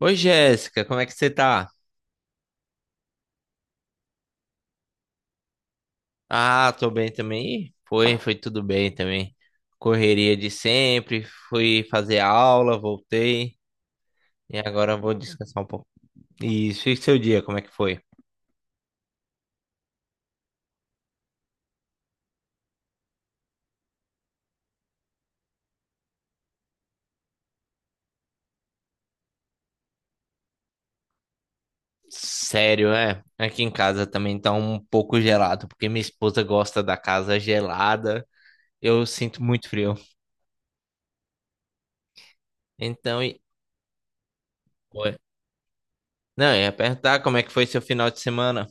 Oi, Jéssica, como é que você tá? Ah, tô bem também. Foi tudo bem também. Correria de sempre, fui fazer aula, voltei e agora vou descansar um pouco. Isso, e seu dia, como é que foi? Sério, é? Aqui em casa também tá um pouco gelado, porque minha esposa gosta da casa gelada. Eu sinto muito frio. Então, e... Oi. Não, eu ia perguntar como é que foi seu final de semana?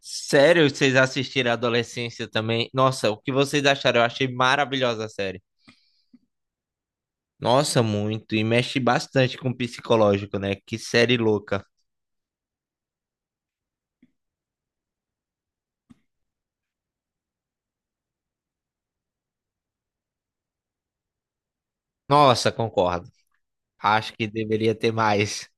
Sério, vocês assistiram a Adolescência também? Nossa, o que vocês acharam? Eu achei maravilhosa a série. Nossa, muito. E mexe bastante com o psicológico, né? Que série louca. Nossa, concordo. Acho que deveria ter mais.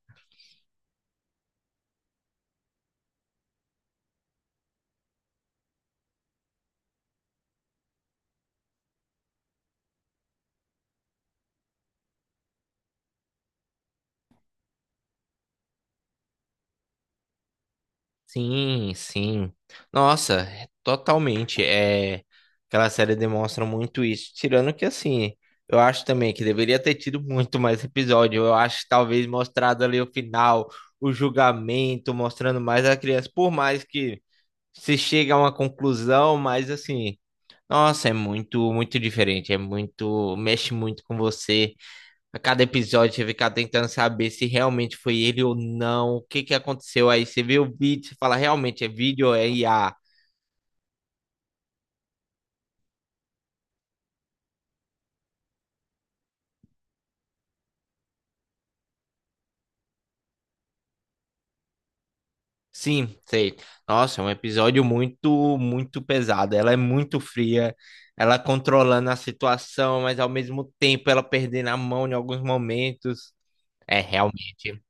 Sim, sim. Nossa, totalmente. É, aquela série demonstra muito isso. Tirando que, assim, eu acho também que deveria ter tido muito mais episódio. Eu acho que talvez mostrado ali o final, o julgamento, mostrando mais a criança. Por mais que se chega a uma conclusão, mas assim, nossa, é muito, muito diferente, é muito, mexe muito com você. A cada episódio você fica tentando saber se realmente foi ele ou não, o que que aconteceu aí, você vê o vídeo, você fala, realmente é vídeo ou é IA? Sim, sei. Nossa, é um episódio muito, muito pesado. Ela é muito fria, ela controlando a situação, mas ao mesmo tempo ela perdendo a mão em alguns momentos. É, realmente.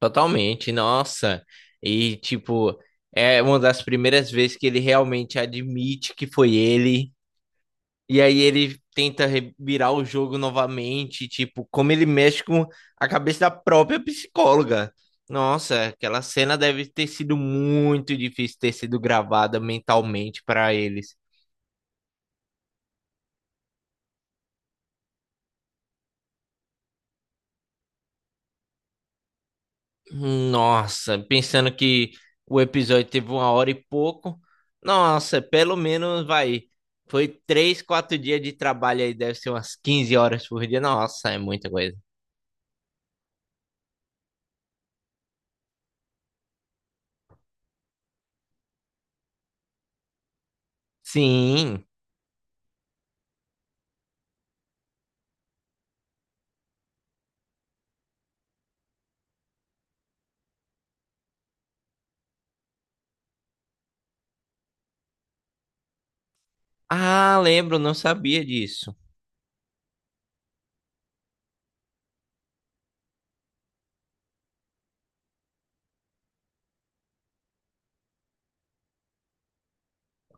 Totalmente, nossa. E, tipo, é uma das primeiras vezes que ele realmente admite que foi ele. E aí ele tenta virar o jogo novamente, tipo, como ele mexe com a cabeça da própria psicóloga. Nossa, aquela cena deve ter sido muito difícil ter sido gravada mentalmente para eles. Nossa, pensando que o episódio teve 1 hora e pouco. Nossa, pelo menos vai. Foi 3, 4 dias de trabalho aí, deve ser umas 15 horas por dia. Nossa, é muita coisa. Sim. Ah, lembro, não sabia disso.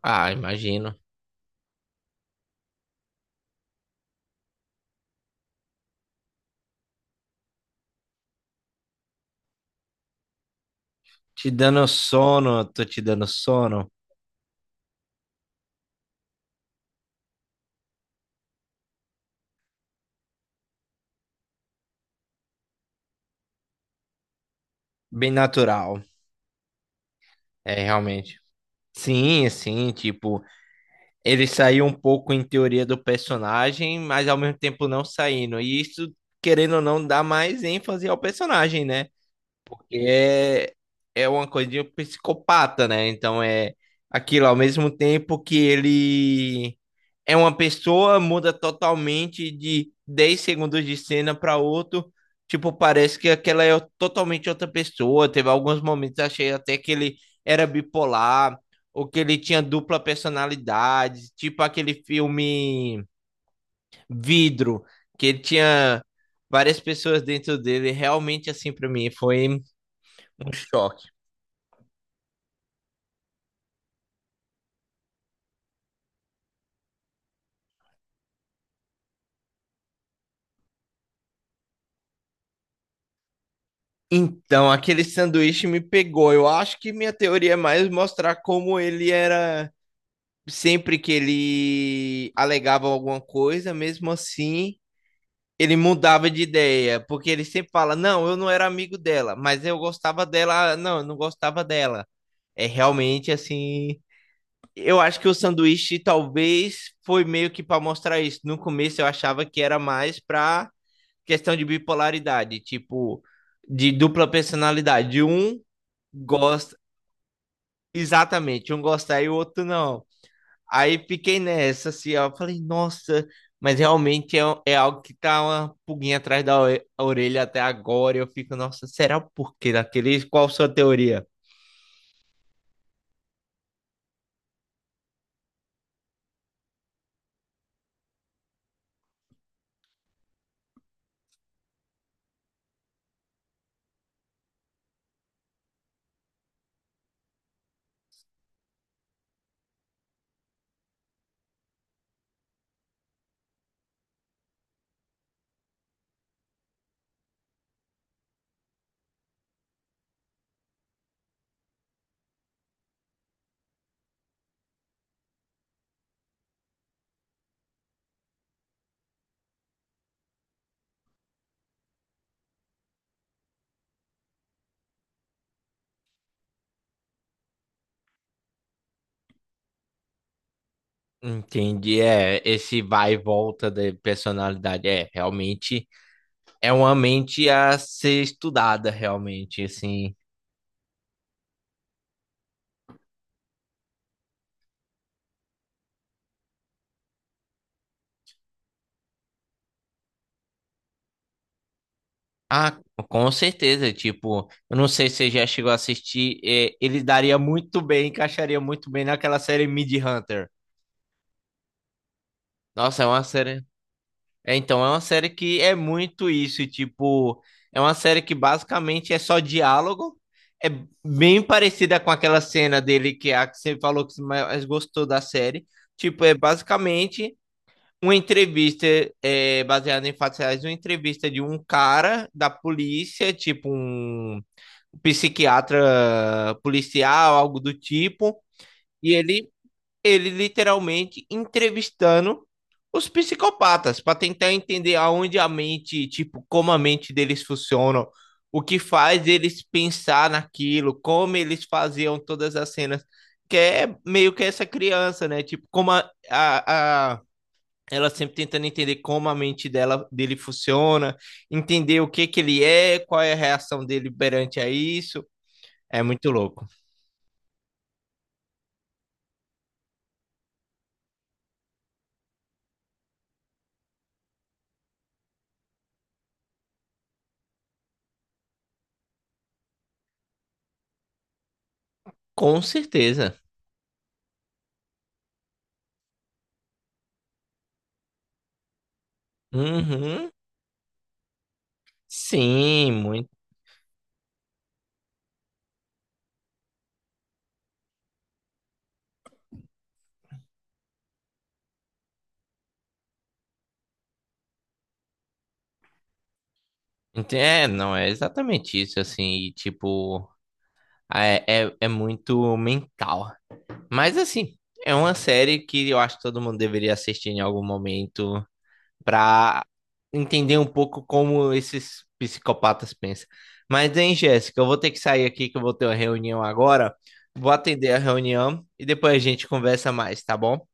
Ah, imagino. Te dando sono, tô te dando sono. Bem natural. É, realmente. Sim, sim, tipo. Ele saiu um pouco em teoria do personagem, mas ao mesmo tempo não saindo. E isso, querendo ou não, dá mais ênfase ao personagem, né? Porque é, é uma coisa de um psicopata, né? Então é aquilo, ao mesmo tempo que ele é uma pessoa, muda totalmente de 10 segundos de cena para outro. Tipo, parece que aquela é totalmente outra pessoa. Teve alguns momentos, achei até que ele era bipolar, ou que ele tinha dupla personalidade, tipo aquele filme Vidro, que ele tinha várias pessoas dentro dele. Realmente, assim, para mim, foi um choque. Então, aquele sanduíche me pegou. Eu acho que minha teoria é mais mostrar como ele era sempre que ele alegava alguma coisa, mesmo assim, ele mudava de ideia, porque ele sempre fala: "Não, eu não era amigo dela, mas eu gostava dela". Não, eu não gostava dela. É realmente assim, eu acho que o sanduíche talvez foi meio que para mostrar isso. No começo eu achava que era mais para questão de bipolaridade, tipo de dupla personalidade. Um gosta exatamente, um gosta e o outro não. Aí fiquei nessa, assim, ó. Falei, nossa, mas realmente é, é algo que tá uma pulguinha atrás da a orelha até agora. Eu fico, nossa, será o porquê daquele? Qual a sua teoria? Entendi, é, esse vai e volta da personalidade, é, realmente é uma mente a ser estudada, realmente, assim. Ah, com certeza, tipo, eu não sei se você já chegou a assistir, é, ele daria muito bem, encaixaria muito bem naquela série Mid Hunter. Nossa, é uma série. É, então, é uma série que é muito isso, e, tipo, é uma série que basicamente é só diálogo. É bem parecida com aquela cena dele que é a que você falou que você mais gostou da série. Tipo, é basicamente uma entrevista, é, baseada em fatos reais, uma entrevista de um cara da polícia, tipo um psiquiatra policial, algo do tipo, e ele literalmente entrevistando os psicopatas para tentar entender aonde a mente, tipo, como a mente deles funciona, o que faz eles pensar naquilo, como eles faziam todas as cenas, que é meio que essa criança, né? Tipo, como a ela sempre tentando entender como a mente dela dele funciona, entender o que que ele é, qual é a reação dele perante a isso. É muito louco. Com certeza. Uhum. Sim, muito. É, não, é exatamente isso, assim, e, tipo, é muito mental. Mas, assim, é uma série que eu acho que todo mundo deveria assistir em algum momento pra entender um pouco como esses psicopatas pensam. Mas, hein, Jéssica, eu vou ter que sair aqui que eu vou ter uma reunião agora. Vou atender a reunião e depois a gente conversa mais, tá bom?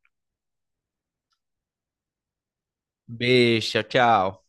Beijo, tchau, tchau.